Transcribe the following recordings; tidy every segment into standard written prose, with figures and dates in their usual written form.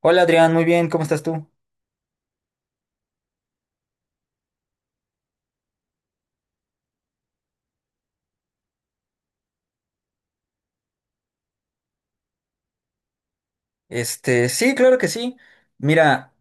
Hola Adrián, muy bien, ¿cómo estás tú? Este, sí, claro que sí. Mira,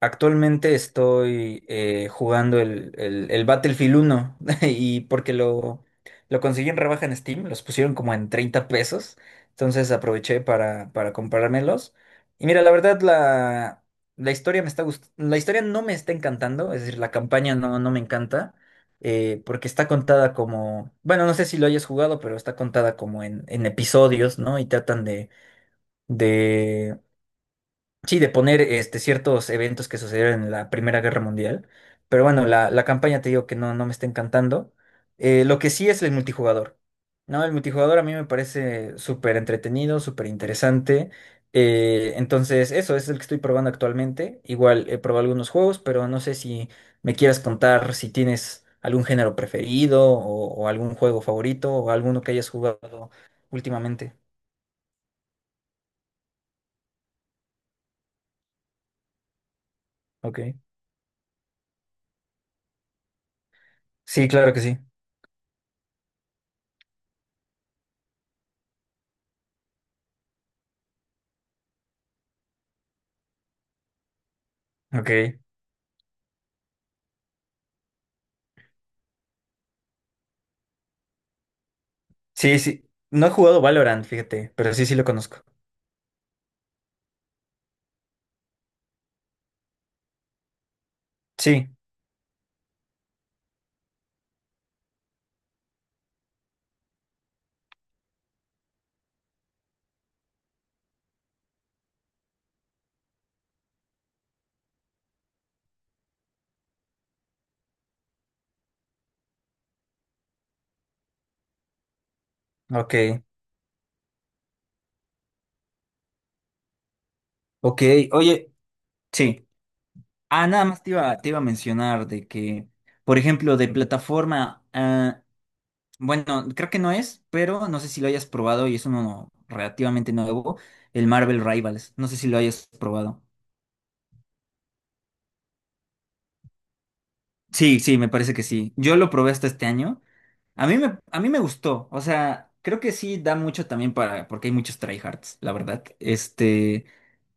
actualmente estoy jugando el Battlefield 1 y porque lo conseguí en rebaja en Steam, los pusieron como en 30 pesos, entonces aproveché para comprármelos. Y mira, la verdad, la historia me está gust- la historia no me está encantando, es decir, la campaña no me encanta, porque está contada como, bueno, no sé si lo hayas jugado, pero está contada como en episodios, ¿no? Y tratan de. Sí, de poner, este, ciertos eventos que sucedieron en la Primera Guerra Mundial. Pero bueno, la campaña te digo que no me está encantando. Lo que sí es el multijugador. No, el multijugador a mí me parece súper entretenido, súper interesante. Entonces, eso es el que estoy probando actualmente. Igual he probado algunos juegos, pero no sé si me quieras contar si tienes algún género preferido o algún juego favorito o alguno que hayas jugado últimamente. Ok. Sí, claro que sí. Ok. Sí, sí. No he jugado Valorant, fíjate, pero sí, sí lo conozco. Sí, ok. Ok, oye, sí. Ah, nada más te iba, a mencionar de que, por ejemplo, de plataforma, ah, bueno, creo que no es, pero no sé si lo hayas probado y es uno relativamente nuevo, el Marvel Rivals. No sé si lo hayas probado. Sí, sí, me parece que sí. Yo lo probé hasta este año. A mí me gustó, o sea, creo que sí da mucho también para, porque hay muchos tryhards, la verdad. Este,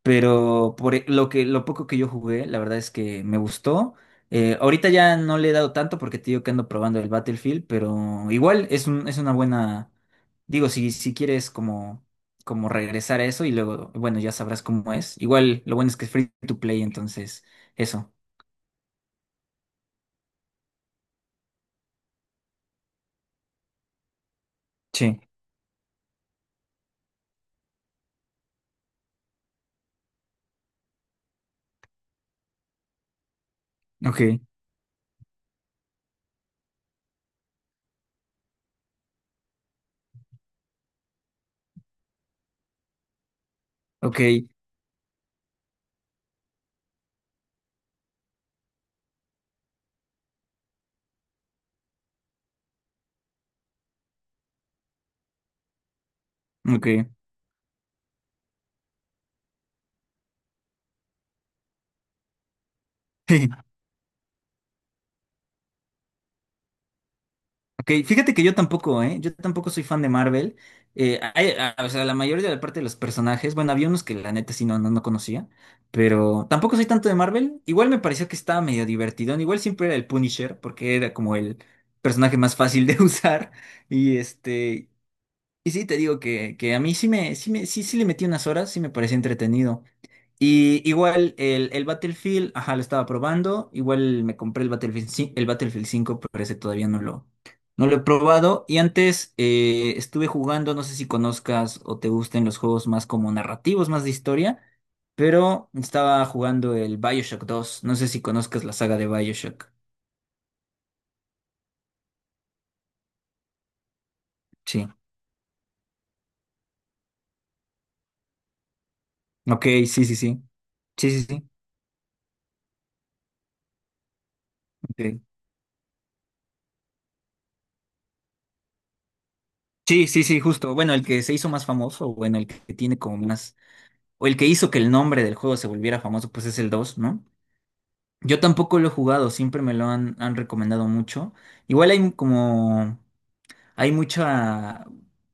pero lo poco que yo jugué, la verdad es que me gustó. Ahorita ya no le he dado tanto porque te digo que ando probando el Battlefield, pero igual es una buena. Digo, si quieres como regresar a eso y luego, bueno, ya sabrás cómo es. Igual lo bueno es que es free to play, entonces, eso. Sí, ok, ok, ok. Ok, fíjate que yo tampoco, ¿eh? Yo tampoco soy fan de Marvel. O sea, la mayoría de la parte de los personajes, bueno, había unos que la neta sí no conocía, pero tampoco soy tanto de Marvel. Igual me pareció que estaba medio divertido. Igual siempre era el Punisher, porque era como el personaje más fácil de usar. Y este, y sí te digo que a mí sí le metí unas horas, sí me parecía entretenido. Y igual el Battlefield, ajá, lo estaba probando. Igual me compré el Battlefield cinco, pero ese todavía no lo he probado. Y antes estuve jugando, no sé si conozcas o te gusten los juegos más como narrativos, más de historia, pero estaba jugando el BioShock 2. No sé si conozcas la saga de BioShock. Sí. Ok, sí, sí, sí. Sí, sí, sí. Ok. Sí, sí, sí, justo. Bueno, el que se hizo más famoso, bueno, el que tiene como más, o el que hizo que el nombre del juego se volviera famoso, pues es el dos, ¿no? Yo tampoco lo he jugado, siempre me lo han, recomendado mucho. Igual hay mucha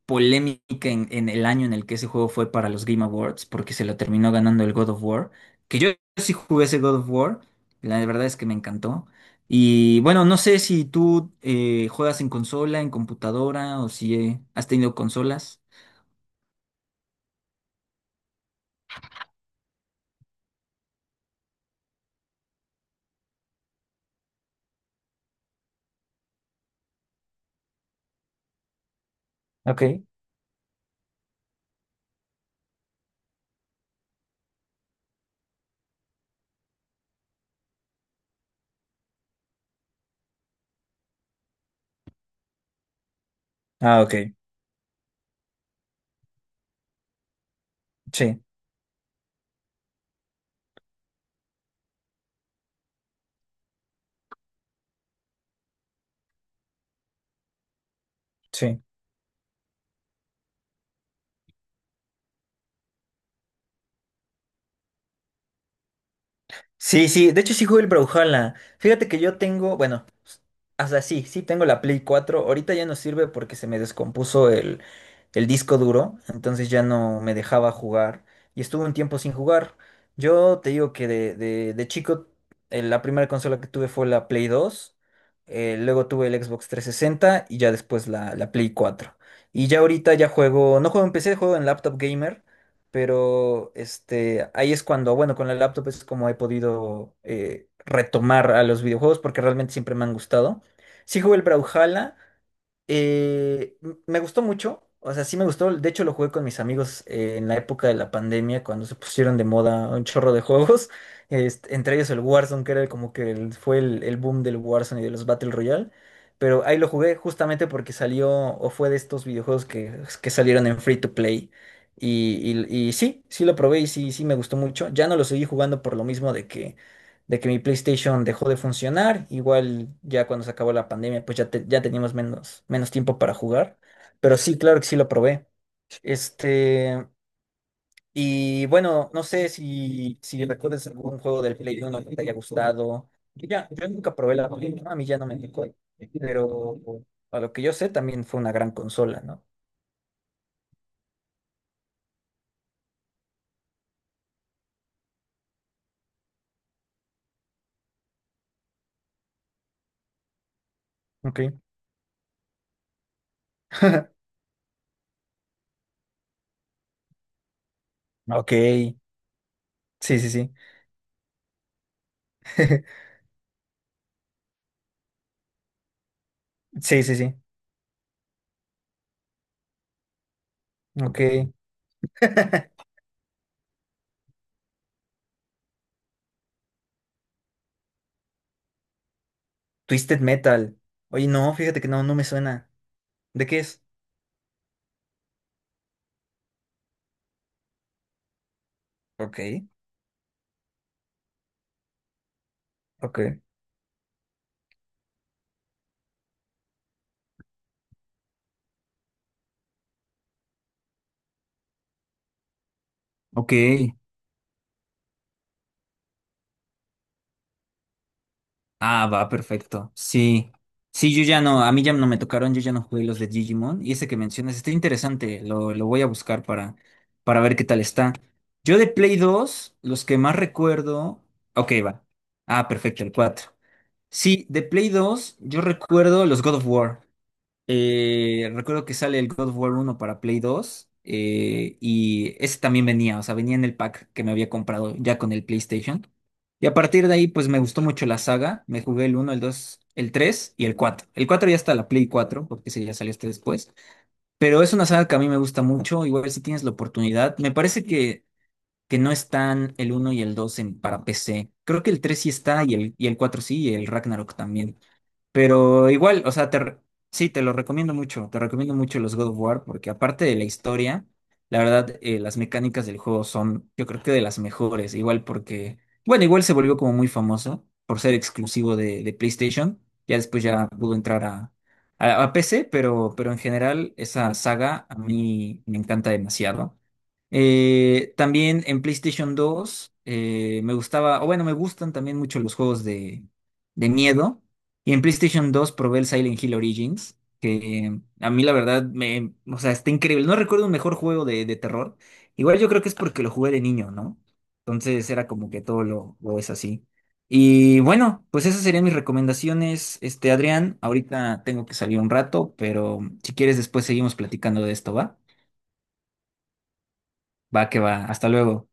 polémica en el año en el que ese juego fue para los Game Awards, porque se lo terminó ganando el God of War, que yo sí jugué ese God of War, la verdad es que me encantó. Y bueno, no sé si tú juegas en consola, en computadora, o si has tenido consolas. Ok. Ah, ok. Sí, sí. Sí, sí, de hecho sí jugué el Brawlhalla. Fíjate que yo tengo, bueno, o sea, sí, sí tengo la Play cuatro. Ahorita ya no sirve porque se me descompuso el disco duro, entonces ya no me dejaba jugar y estuve un tiempo sin jugar. Yo te digo que de chico la primera consola que tuve fue la Play dos. Luego tuve el Xbox 360 y ya después la Play cuatro. Y ya ahorita ya juego, no juego en PC, juego en laptop gamer, pero este, ahí es cuando, bueno, con la laptop es como he podido retomar a los videojuegos porque realmente siempre me han gustado. Sí jugué el Brawlhalla, me gustó mucho, o sea, sí me gustó. De hecho, lo jugué con mis amigos en la época de la pandemia, cuando se pusieron de moda un chorro de juegos, este, entre ellos el Warzone, que era como que fue el boom del Warzone y de los Battle Royale. Pero ahí lo jugué justamente porque salió o fue de estos videojuegos que salieron en free to play. Y sí, sí lo probé y sí, sí me gustó mucho. Ya no lo seguí jugando por lo mismo de que mi PlayStation dejó de funcionar. Igual ya cuando se acabó la pandemia, pues ya teníamos menos tiempo para jugar. Pero sí, claro que sí lo probé. Este, y bueno, no sé si recuerdas algún juego del Play Uno que te haya gustado. Yo nunca probé la Play 1, a mí ya no me tocó. Pero a lo que yo sé, también fue una gran consola, ¿no? Ok. Ok. Sí, sí, sí. Sí, sí, sí. Ok. Twisted Metal. Oye, no, fíjate que no me suena. ¿De qué es? Ok, ok. Ok. Ah, va, perfecto. Sí. Sí, yo ya no, a mí ya no me tocaron, yo ya no jugué los de Digimon. Y ese que mencionas está interesante, lo voy a buscar para ver qué tal está. Yo de Play dos los que más recuerdo. Ok, va. Ah, perfecto, el cuatro. Sí, de Play dos yo recuerdo los God of War. Recuerdo que sale el God of War 1 para Play dos, y ese también venía, o sea, venía en el pack que me había comprado ya con el PlayStation. Y a partir de ahí, pues me gustó mucho la saga. Me jugué el uno, el 2, el 3 y el cuatro. El 4 ya está la Play cuatro porque ese ya salió hasta después. Pero es una saga que a mí me gusta mucho. Igual si tienes la oportunidad. Me parece que no están el uno y el 2 para PC. Creo que el 3 sí está y el 4 sí, y el Ragnarok también. Pero igual, o sea, sí, te lo recomiendo mucho, te recomiendo mucho los God of War porque aparte de la historia, la verdad, las mecánicas del juego son, yo creo que de las mejores, igual porque, bueno, igual se volvió como muy famoso por ser exclusivo de PlayStation, ya después ya pudo entrar a, a PC, pero en general esa saga a mí me encanta demasiado. También en PlayStation 2 me gustaba, o bueno, me gustan también mucho los juegos de miedo. Y en PlayStation 2 probé el Silent Hill Origins, que a mí la verdad o sea, está increíble. No recuerdo un mejor juego de terror. Igual yo creo que es porque lo jugué de niño, ¿no? Entonces era como que todo lo es así. Y bueno, pues esas serían mis recomendaciones, este, Adrián. Ahorita tengo que salir un rato, pero si quieres después seguimos platicando de esto, ¿va? Va que va. Hasta luego.